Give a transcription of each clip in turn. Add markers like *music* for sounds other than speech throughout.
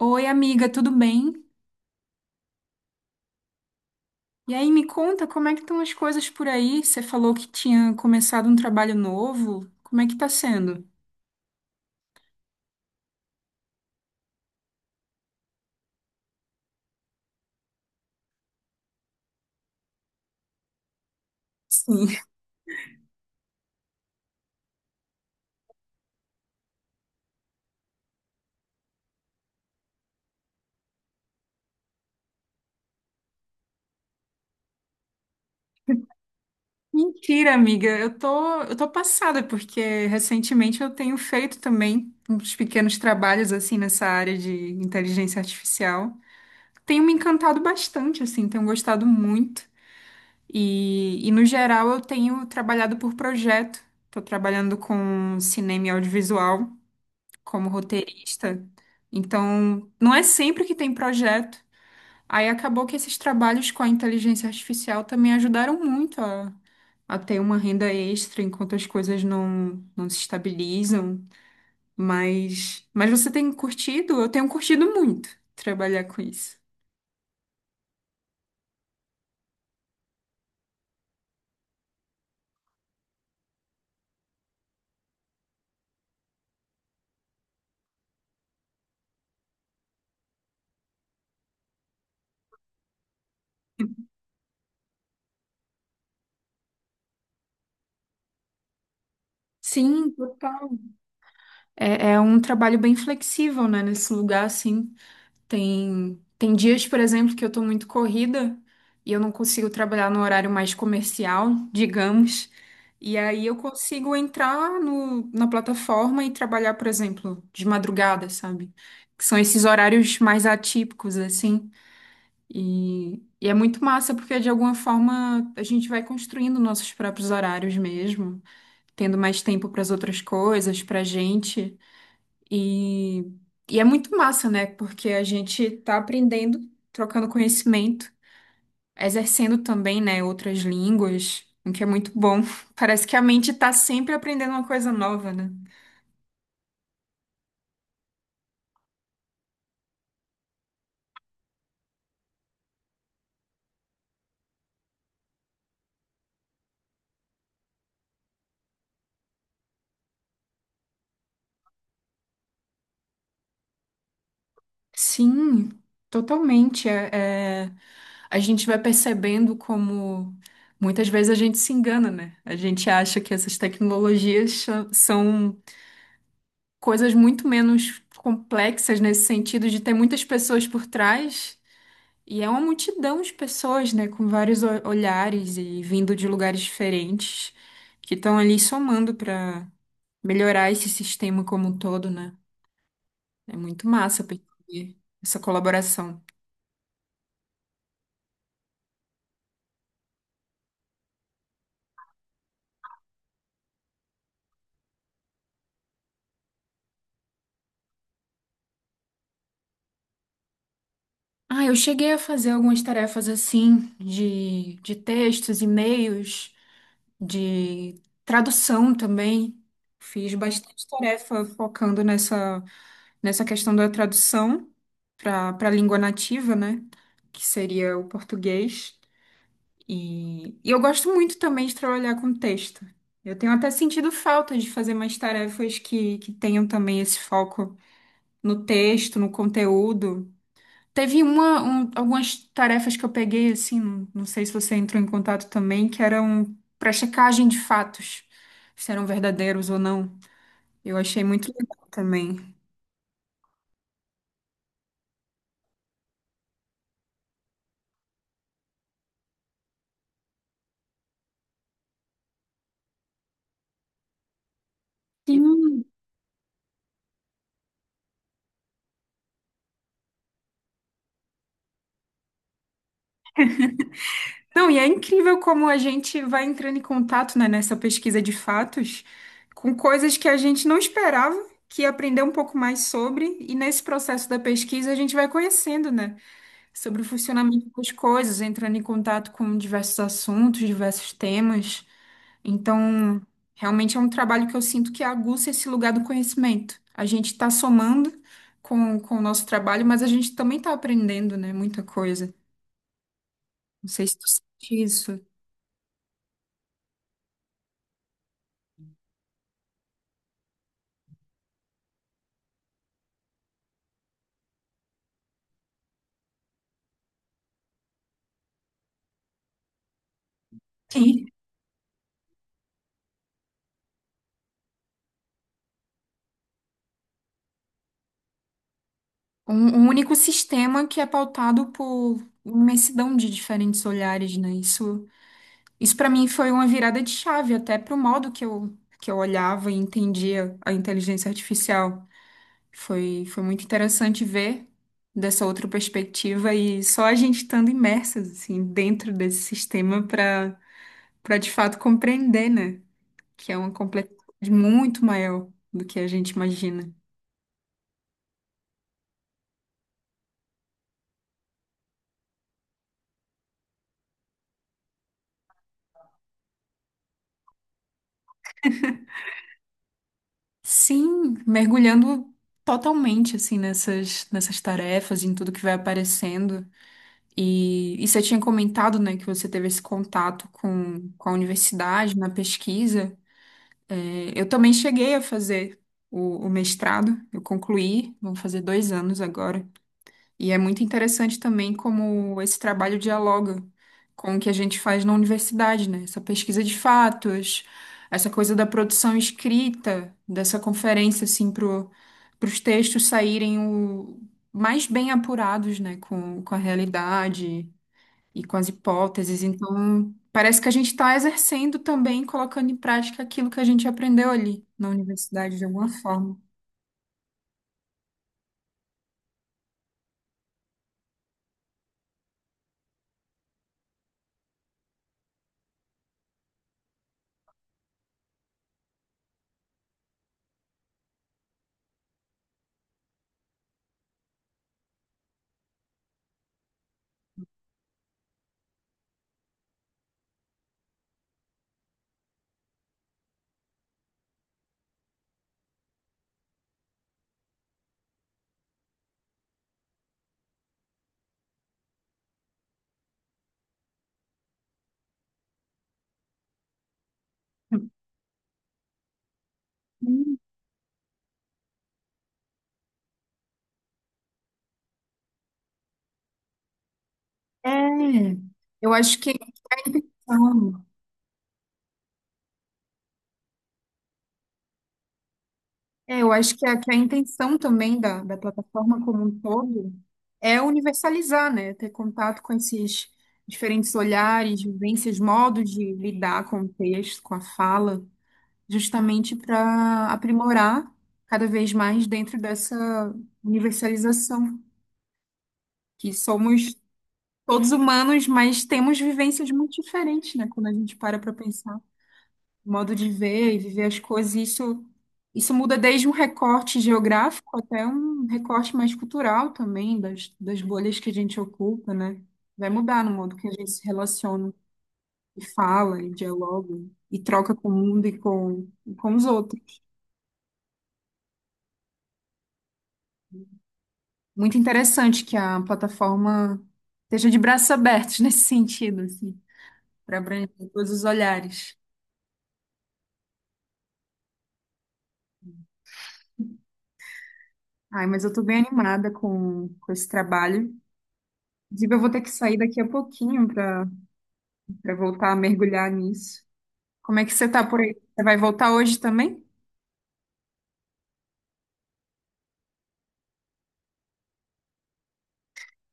Oi, amiga, tudo bem? E aí, me conta como é que estão as coisas por aí? Você falou que tinha começado um trabalho novo. Como é que tá sendo? Sim. Mentira, amiga. Eu tô passada porque recentemente eu tenho feito também uns pequenos trabalhos assim nessa área de inteligência artificial. Tenho me encantado bastante, assim, tenho gostado muito. E no geral eu tenho trabalhado por projeto. Estou trabalhando com cinema e audiovisual como roteirista. Então, não é sempre que tem projeto. Aí acabou que esses trabalhos com a inteligência artificial também ajudaram muito a ter uma renda extra enquanto as coisas não se estabilizam. Mas você tem curtido? Eu tenho curtido muito trabalhar com isso. Sim, total. É, é um trabalho bem flexível, né, nesse lugar, assim. Tem dias, por exemplo, que eu tô muito corrida e eu não consigo trabalhar no horário mais comercial, digamos. E aí eu consigo entrar no, na plataforma e trabalhar, por exemplo, de madrugada, sabe? Que são esses horários mais atípicos, assim. E é muito massa, porque de alguma forma a gente vai construindo nossos próprios horários mesmo, tendo mais tempo para as outras coisas, pra gente. E, e é muito massa, né? Porque a gente tá aprendendo, trocando conhecimento, exercendo também, né, outras línguas, o que é muito bom. *laughs* Parece que a mente tá sempre aprendendo uma coisa nova, né? Sim, totalmente. A gente vai percebendo como muitas vezes a gente se engana, né? A gente acha que essas são coisas muito menos complexas nesse sentido de ter muitas pessoas por trás. E é uma multidão de pessoas, né, com vários olhares e vindo de lugares diferentes, que estão ali somando para melhorar esse sistema como um todo, né? É muito massa perceber essa colaboração. Ah, eu cheguei a fazer algumas tarefas assim, de textos, e-mails, de tradução também. Fiz bastante tarefa focando nessa questão da tradução para a língua nativa, né? Que seria o português. E eu gosto muito também de trabalhar com texto. Eu tenho até sentido falta de fazer mais tarefas que tenham também esse foco no texto, no conteúdo. Teve algumas tarefas que eu peguei, assim, não sei se você entrou em contato também, que eram para checagem de fatos, se eram verdadeiros ou não. Eu achei muito legal também. Sim. Não, e é incrível como a gente vai entrando em contato, né, nessa pesquisa de fatos com coisas que a gente não esperava, que aprender um pouco mais sobre, e nesse processo da pesquisa a gente vai conhecendo, né, sobre o funcionamento das coisas, entrando em contato com diversos assuntos, diversos temas. Então, realmente é um trabalho que eu sinto que aguça esse lugar do conhecimento. A gente está somando com o nosso trabalho, mas a gente também está aprendendo, né, muita coisa. Não sei se tu sente isso. Sim. Um único sistema que é pautado por imensidão de diferentes olhares, né? Isso, isso para mim foi uma virada de chave até para o modo que eu olhava e entendia a inteligência artificial. Foi muito interessante ver dessa outra perspectiva e só a gente estando imersas assim dentro desse sistema para de fato compreender, né? Que é uma complexidade muito maior do que a gente imagina. Sim, mergulhando totalmente assim nessas tarefas, em tudo que vai aparecendo. E você tinha comentado, né, que você teve esse contato com a universidade na pesquisa. É, eu também cheguei a fazer o mestrado, eu concluí, vão fazer 2 anos agora. E é muito interessante também como esse trabalho dialoga com o que a gente faz na universidade, né? Essa pesquisa de fatos, essa coisa da produção escrita, dessa conferência, assim, pro, os textos saírem o, mais bem apurados, né? Com a realidade e com as hipóteses. Então, parece que a gente está exercendo também, colocando em prática aquilo que a gente aprendeu ali na universidade, de alguma forma. Hum. É, eu acho que é a intenção É, eu acho que que a intenção também da plataforma como um todo é universalizar, né? Ter contato com esses diferentes olhares, vivências, modos de lidar com o texto, com a fala, justamente para aprimorar cada vez mais dentro dessa universalização, que somos todos humanos, mas temos vivências muito diferentes, né? Quando a gente para pensar modo de ver e viver as coisas. E isso muda desde um recorte geográfico até um recorte mais cultural também, das bolhas que a gente ocupa, né? Vai mudar no modo que a gente se relaciona e fala e dialoga e troca com o mundo e com os outros. Muito interessante que a plataforma esteja de braços abertos *laughs* nesse sentido, assim, para abranger todos os olhares. Ai, mas eu tô bem animada com esse trabalho. Inclusive, eu vou ter que sair daqui a pouquinho para voltar a mergulhar nisso. Como é que você tá por aí? Você vai voltar hoje também?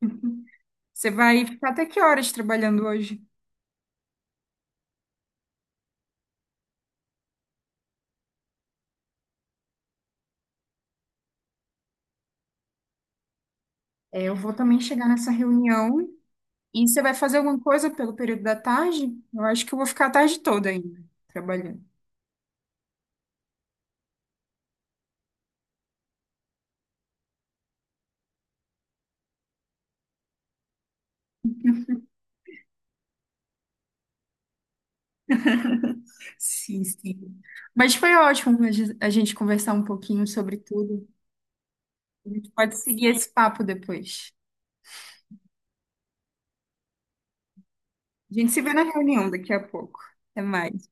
*laughs* Você vai ficar até que horas trabalhando hoje? É, eu vou também chegar nessa reunião. E você vai fazer alguma coisa pelo período da tarde? Eu acho que eu vou ficar a tarde toda ainda trabalhando. *laughs* Sim, sim. Mas foi ótimo a gente conversar um pouquinho sobre tudo. A gente pode seguir esse papo depois. A gente se vê na reunião daqui a pouco. Até mais.